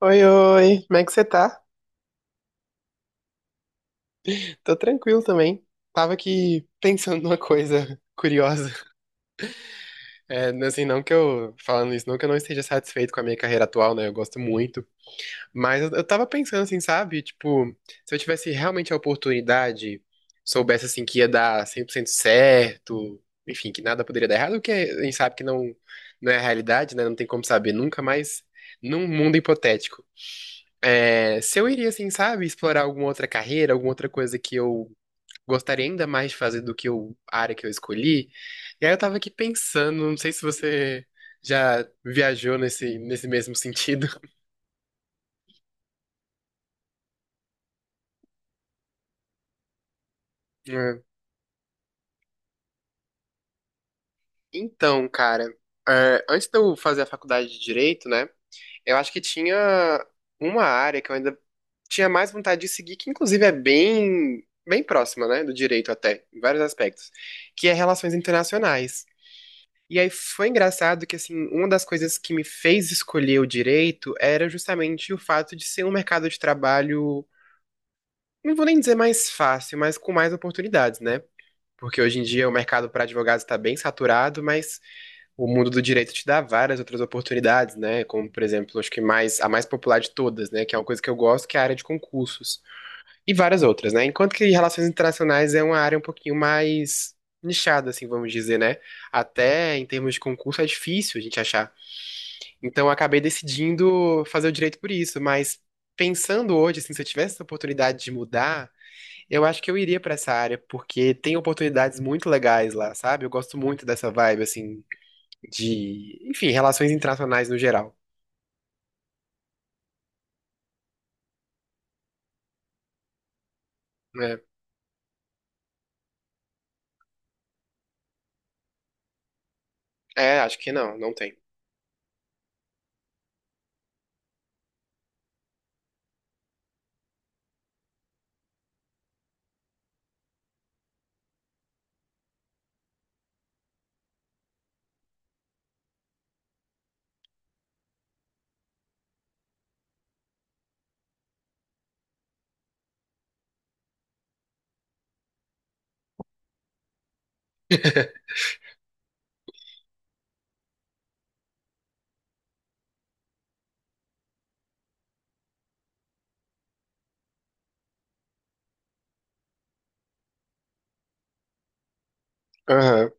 Oi, oi, como é que você tá? Tô tranquilo também. Tava aqui pensando numa coisa curiosa. É, assim, não que eu, falando isso, não que eu não esteja satisfeito com a minha carreira atual, né? Eu gosto muito. Mas eu tava pensando assim, sabe? Tipo, se eu tivesse realmente a oportunidade, soubesse assim que ia dar 100% certo, enfim, que nada poderia dar errado, o que a gente sabe que não, não é a realidade, né? Não tem como saber nunca, mas num mundo hipotético. É, se eu iria, assim, sabe, explorar alguma outra carreira, alguma outra coisa que eu gostaria ainda mais de fazer do que a área que eu escolhi. E aí eu tava aqui pensando, não sei se você já viajou nesse mesmo sentido. É. Então, cara, é, antes de eu fazer a faculdade de Direito, né, eu acho que tinha uma área que eu ainda tinha mais vontade de seguir, que inclusive é bem próxima, né, do Direito até, em vários aspectos, que é Relações Internacionais. E aí foi engraçado que, assim, uma das coisas que me fez escolher o direito era justamente o fato de ser um mercado de trabalho, não vou nem dizer mais fácil, mas com mais oportunidades, né? Porque hoje em dia o mercado para advogados está bem saturado, mas o mundo do direito te dá várias outras oportunidades, né? Como, por exemplo, a mais popular de todas, né? Que é uma coisa que eu gosto, que é a área de concursos. E várias outras, né? Enquanto que relações internacionais é uma área um pouquinho mais nichada, assim, vamos dizer, né? Até em termos de concurso é difícil a gente achar. Então eu acabei decidindo fazer o direito por isso, mas pensando hoje, assim, se eu tivesse essa oportunidade de mudar, eu acho que eu iria pra essa área, porque tem oportunidades muito legais lá, sabe? Eu gosto muito dessa vibe, assim, de, enfim, relações internacionais no geral, né? É, acho que não tem. Aham.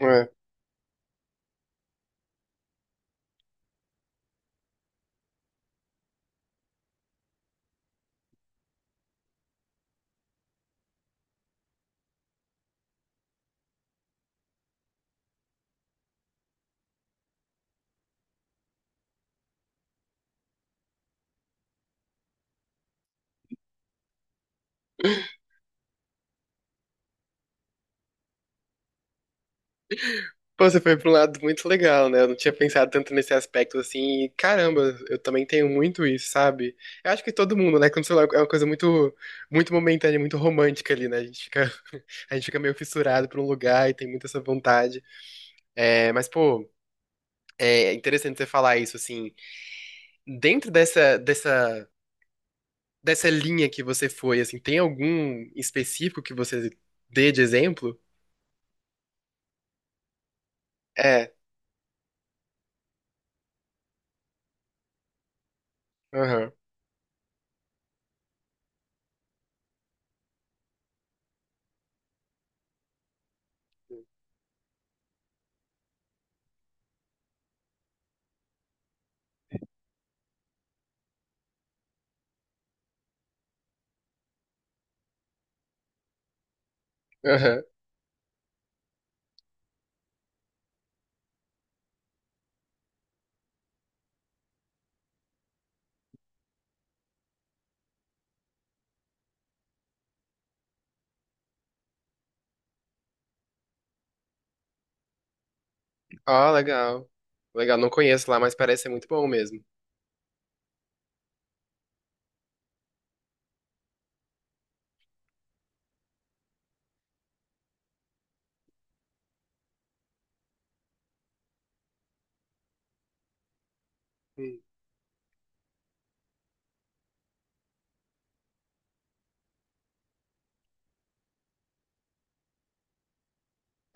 É. Pô, você foi pra um lado muito legal, né? Eu não tinha pensado tanto nesse aspecto assim. E, caramba, eu também tenho muito isso, sabe? Eu acho que todo mundo, né? Quando o celular é uma coisa muito, muito momentânea, muito romântica ali, né? A gente fica, a gente fica meio fissurado por um lugar e tem muita essa vontade. É, mas, pô, é interessante você falar isso, assim. Dentro dessa, dessa, dessa linha que você foi, assim, tem algum específico que você dê de exemplo? É. Aham. Aham. Ah, legal. Legal, não conheço lá, mas parece ser muito bom mesmo. Hum.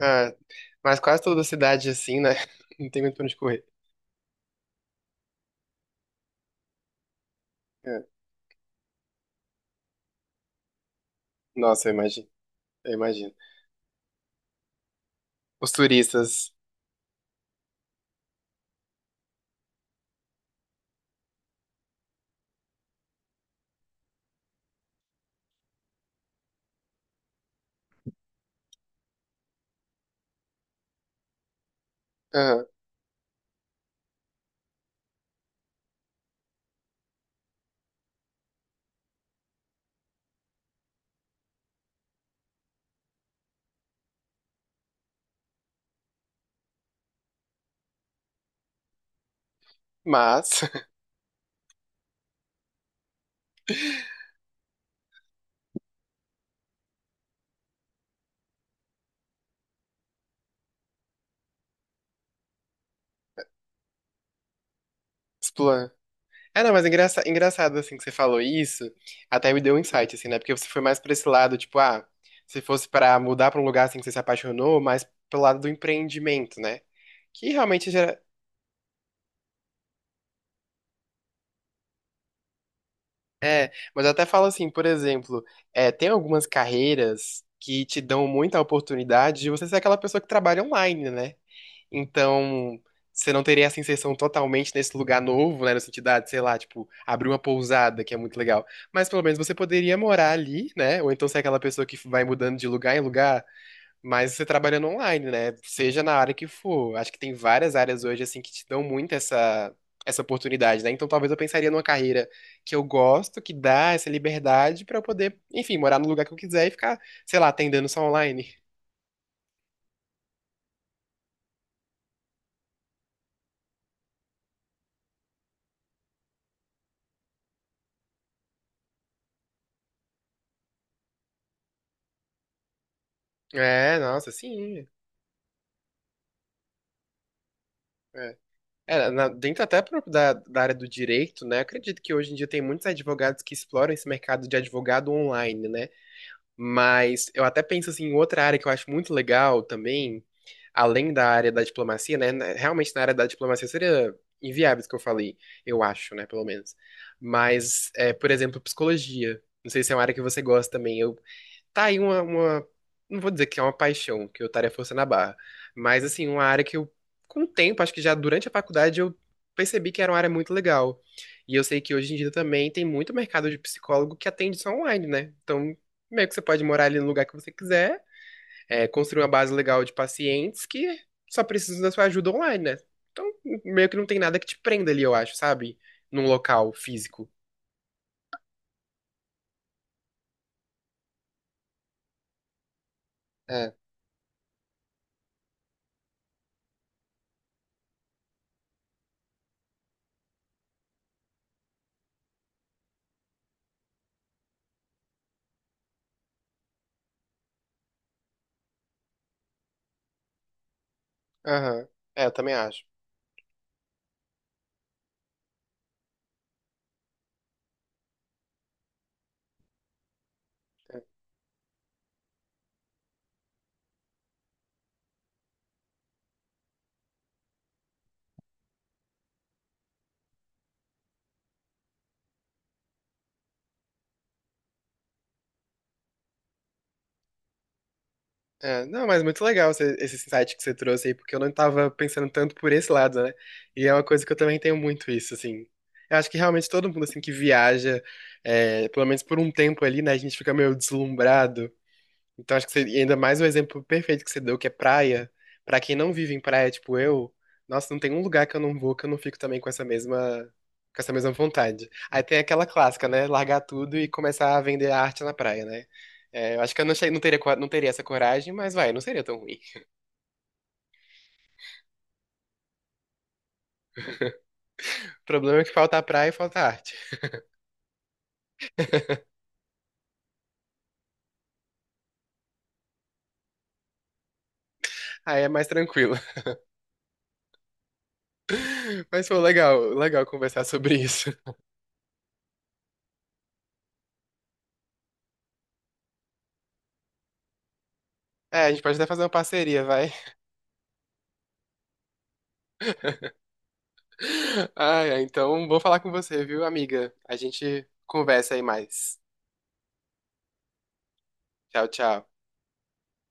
Ah, mas quase toda cidade assim, né? Não tem muito pra onde correr. É. Nossa, eu imagino. Eu imagino. Os turistas. Aham. Mas, explana. É, não, mas engraçado, assim, que você falou isso, até me deu um insight, assim, né? Porque você foi mais pra esse lado, tipo, ah, se fosse pra mudar pra um lugar, assim, que você se apaixonou, mais pelo lado do empreendimento, né? Que realmente. Mas eu até falo assim, por exemplo, é, tem algumas carreiras que te dão muita oportunidade de você ser aquela pessoa que trabalha online, né? Então, você não teria essa inserção totalmente nesse lugar novo, né? No sentido, ah, de, ah, sei lá, tipo, abrir uma pousada, que é muito legal. Mas pelo menos você poderia morar ali, né? Ou então ser aquela pessoa que vai mudando de lugar em lugar, mas você trabalhando online, né? Seja na área que for. Acho que tem várias áreas hoje, assim, que te dão muito essa oportunidade, né? Então talvez eu pensaria numa carreira que eu gosto, que dá essa liberdade pra eu poder, enfim, morar no lugar que eu quiser e ficar, sei lá, atendendo só online. É, nossa, sim. É. É, na- dentro até pro- da, da área do direito, né? Acredito que hoje em dia tem muitos advogados que exploram esse mercado de advogado online, né? Mas eu até penso assim, em outra área que eu acho muito legal também, além da área da diplomacia, né? Realmente na área da diplomacia seria inviável isso que eu falei, eu acho, né? Pelo menos. Mas, é, por exemplo, psicologia. Não sei se é uma área que você gosta também. Eu, tá aí não vou dizer que é uma paixão, que eu estaria forçando a barra. Mas, assim, uma área que eu, com o tempo, acho que já durante a faculdade, eu percebi que era uma área muito legal. E eu sei que hoje em dia também tem muito mercado de psicólogo que atende só online, né? Então, meio que você pode morar ali no lugar que você quiser, é, construir uma base legal de pacientes que só precisam da sua ajuda online, né? Então, meio que não tem nada que te prenda ali, eu acho, sabe? Num local físico. É. Aham. É, eu também acho. É, não, mas muito legal esse insight que você trouxe aí, porque eu não tava pensando tanto por esse lado, né? E é uma coisa que eu também tenho muito isso, assim. Eu acho que realmente todo mundo, assim, que viaja, é, pelo menos por um tempo ali, né, a gente fica meio deslumbrado. Então acho que e ainda mais o exemplo perfeito que você deu, que é praia. Pra quem não vive em praia, tipo eu, nossa, não tem um lugar que eu não vou que eu não fico também com com essa mesma vontade. Aí tem aquela clássica, né? Largar tudo e começar a vender arte na praia, né? É, eu acho que eu não teria essa coragem, mas vai, não seria tão ruim. O problema é que falta a praia e falta a arte. Aí é mais tranquilo. Mas foi legal conversar sobre isso. É, a gente pode até fazer uma parceria, vai. Ai, ai, então vou falar com você, viu, amiga? A gente conversa aí mais. Tchau, tchau.